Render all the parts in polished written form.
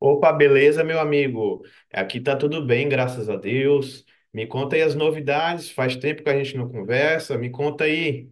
Opa, beleza, meu amigo? Aqui tá tudo bem, graças a Deus. Me conta aí as novidades. Faz tempo que a gente não conversa. Me conta aí.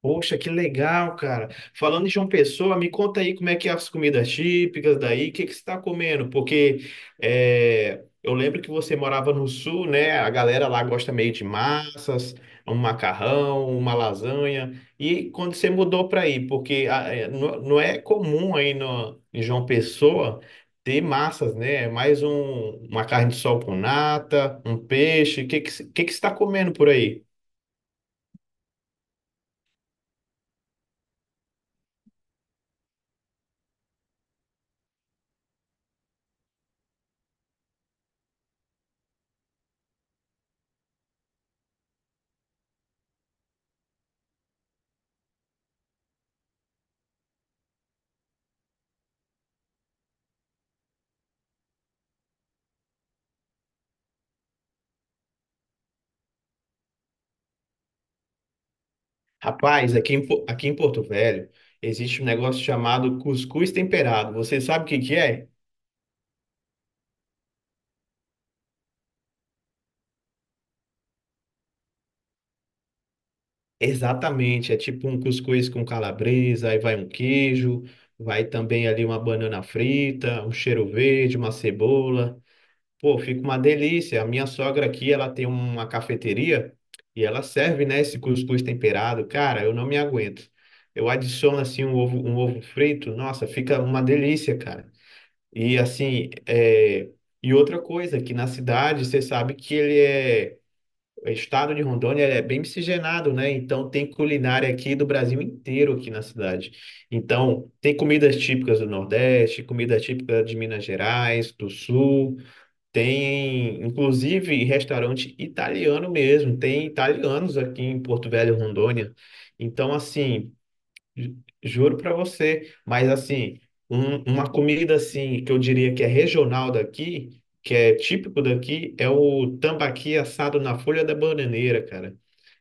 Poxa, que legal, cara. Falando de João Pessoa, me conta aí como é que é as comidas típicas daí, o que que você está comendo? Porque é, eu lembro que você morava no sul, né? A galera lá gosta meio de massas, um macarrão, uma lasanha. E quando você mudou para aí, porque ah, é, não é comum aí no, em João Pessoa ter massas, né? É mais um, uma carne de sol com nata, um peixe. O que que, o que que você está comendo por aí? Rapaz, aqui em, aqui em Porto Velho existe um negócio chamado cuscuz temperado. Você sabe o que que é? Exatamente, é tipo um cuscuz com calabresa, aí vai um queijo, vai também ali uma banana frita, um cheiro verde, uma cebola. Pô, fica uma delícia. A minha sogra aqui, ela tem uma cafeteria e ela serve, né, esse cuscuz temperado. Cara, eu não me aguento. Eu adiciono assim um ovo frito, nossa, fica uma delícia, cara. E assim, e outra coisa, que na cidade você sabe que ele é. O estado de Rondônia é bem miscigenado, né? Então tem culinária aqui do Brasil inteiro aqui na cidade. Então tem comidas típicas do Nordeste, comida típica de Minas Gerais, do Sul, tem inclusive restaurante italiano mesmo, tem italianos aqui em Porto Velho, Rondônia. Então assim, Ju- Juro para você, mas assim, uma comida assim que eu diria que é regional daqui, que é típico daqui, é o tambaqui assado na folha da bananeira, cara.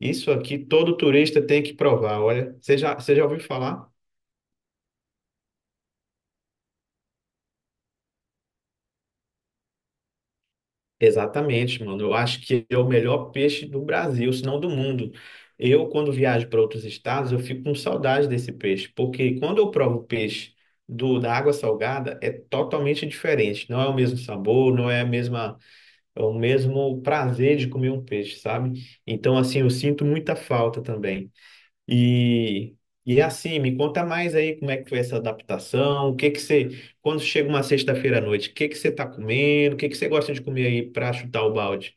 Isso aqui todo turista tem que provar. Olha, você já ouviu falar? Exatamente, mano. Eu acho que é o melhor peixe do Brasil, se não do mundo. Eu, quando viajo para outros estados, eu fico com saudade desse peixe, porque quando eu provo peixe do da água salgada, é totalmente diferente. Não é o mesmo sabor, não é a mesma, é o mesmo prazer de comer um peixe, sabe? Então, assim, eu sinto muita falta também. E, e assim, me conta mais aí como é que foi essa adaptação, o que que você, quando chega uma sexta-feira à noite, o que que você tá comendo, o que que você gosta de comer aí para chutar o balde?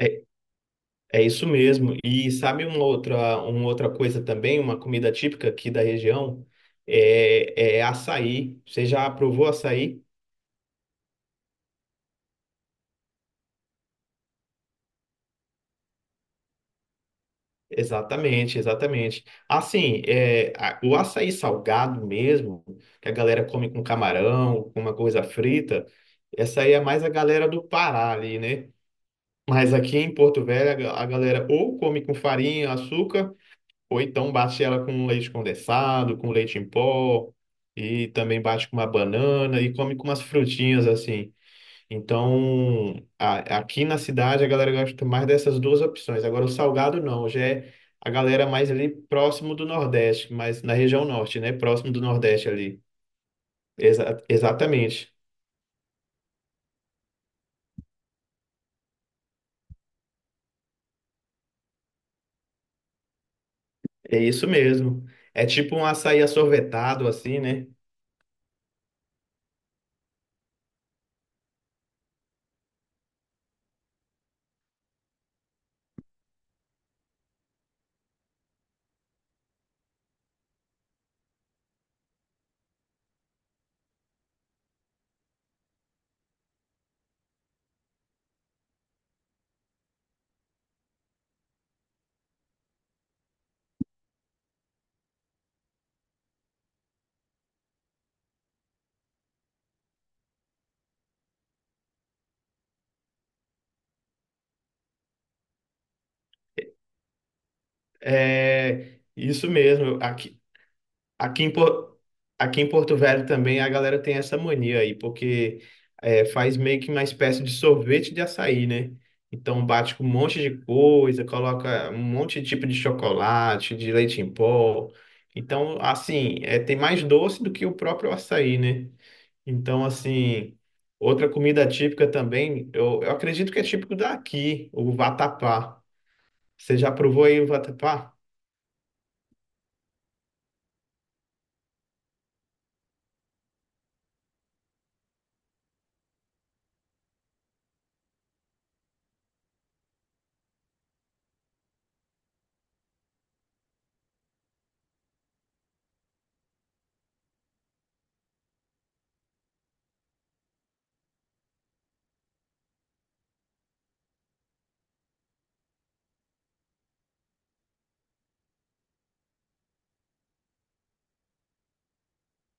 É, é isso mesmo. E sabe uma outra coisa também, uma comida típica aqui da região, é açaí. Você já provou açaí? Exatamente, exatamente. Assim, é, o açaí salgado mesmo, que a galera come com camarão, com uma coisa frita, essa aí é mais a galera do Pará ali, né? Mas aqui em Porto Velho, a galera ou come com farinha, açúcar, ou então bate ela com leite condensado, com leite em pó, e também bate com uma banana, e come com umas frutinhas assim. Então, aqui na cidade a galera gosta mais dessas duas opções. Agora, o salgado não, já é a galera mais ali próximo do Nordeste, mas na região norte, né? Próximo do Nordeste ali. Exatamente. É isso mesmo. É tipo um açaí assorvetado, assim, né? É isso mesmo. Aqui em, aqui em Porto Velho também a galera tem essa mania aí, porque é, faz meio que uma espécie de sorvete de açaí, né? Então bate com um monte de coisa, coloca um monte de tipo de chocolate, de leite em pó. Então, assim, é, tem mais doce do que o próprio açaí, né? Então, assim, outra comida típica também, eu acredito que é típico daqui, o vatapá. Você já provou aí o vatapá?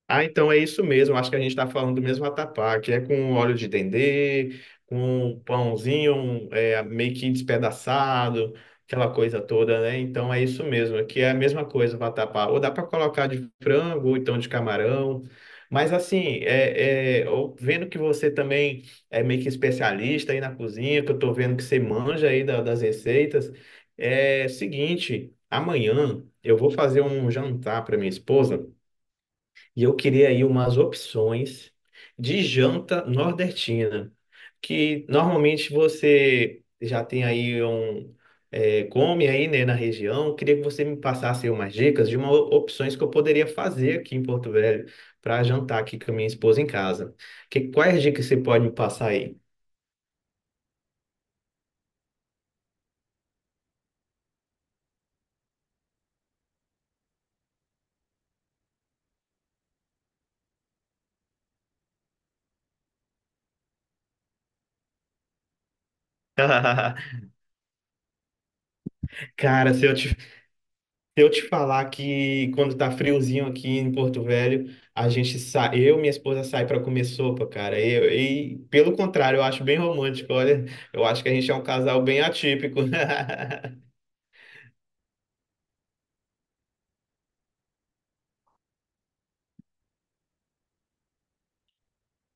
Ah, então é isso mesmo. Acho que a gente está falando do mesmo vatapá, que é com óleo de dendê, com um pãozinho um, é, meio que despedaçado, aquela coisa toda, né? Então é isso mesmo, que é a mesma coisa o vatapá. Ou dá para colocar de frango, ou então de camarão. Mas assim, eu vendo que você também é meio que especialista aí na cozinha, que eu estou vendo que você manja aí das receitas, é seguinte, amanhã eu vou fazer um jantar para minha esposa. E eu queria aí umas opções de janta nordestina, que normalmente você já tem aí um é, come aí, né, na região. Eu queria que você me passasse aí umas dicas de uma, opções que eu poderia fazer aqui em Porto Velho para jantar aqui com a minha esposa em casa. Que, quais dicas você pode me passar aí? Cara, se eu te Se eu te falar que quando tá friozinho aqui em Porto Velho, a gente sai, eu e minha esposa sai para comer sopa, cara. E, pelo contrário, eu acho bem romântico. Olha, eu acho que a gente é um casal bem atípico.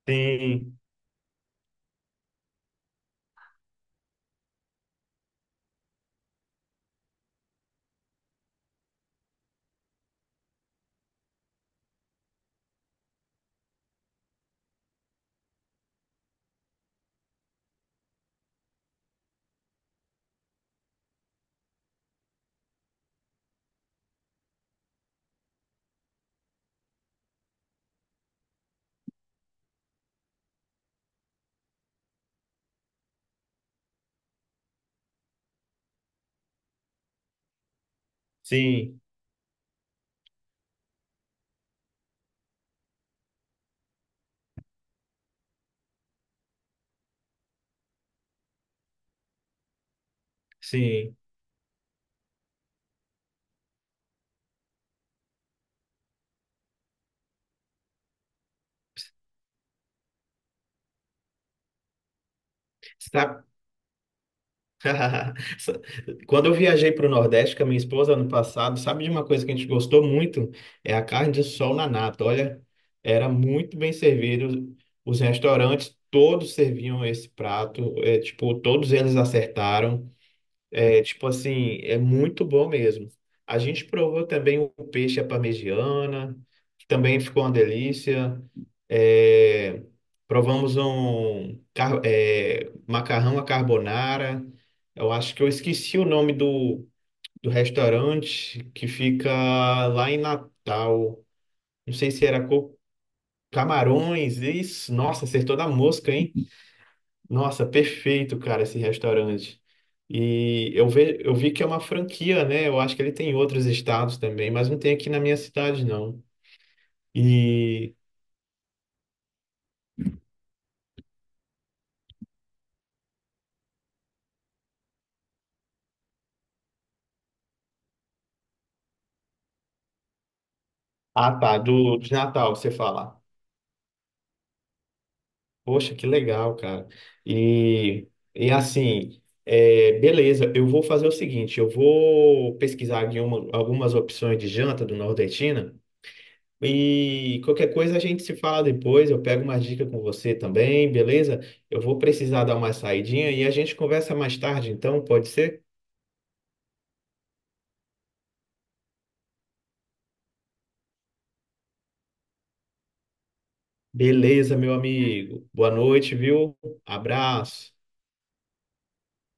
Sim, sim, sim. Sabe quando eu viajei para o Nordeste com a minha esposa ano passado, sabe de uma coisa que a gente gostou muito? É a carne de sol na nata. Olha, era muito bem servido. Os restaurantes todos serviam esse prato, é, tipo, todos eles acertaram. É, tipo assim, é muito bom mesmo. A gente provou também o peixe à parmegiana, que também ficou uma delícia. É, provamos macarrão à carbonara. Eu acho que eu esqueci o nome do, do restaurante que fica lá em Natal. Não sei se era Camarões, isso. Nossa, acertou da mosca, hein? Nossa, perfeito, cara, esse restaurante. E eu vi que é uma franquia, né? Eu acho que ele tem em outros estados também, mas não tem aqui na minha cidade, não. E. Ah, tá, do, de Natal, você fala. Poxa, que legal, cara. E, e assim, é, beleza, eu vou fazer o seguinte: eu vou pesquisar aqui algumas opções de janta do nordestina. E qualquer coisa a gente se fala depois, eu pego uma dica com você também, beleza? Eu vou precisar dar uma saidinha e a gente conversa mais tarde, então, pode ser? Beleza, meu amigo. Boa noite, viu? Abraço.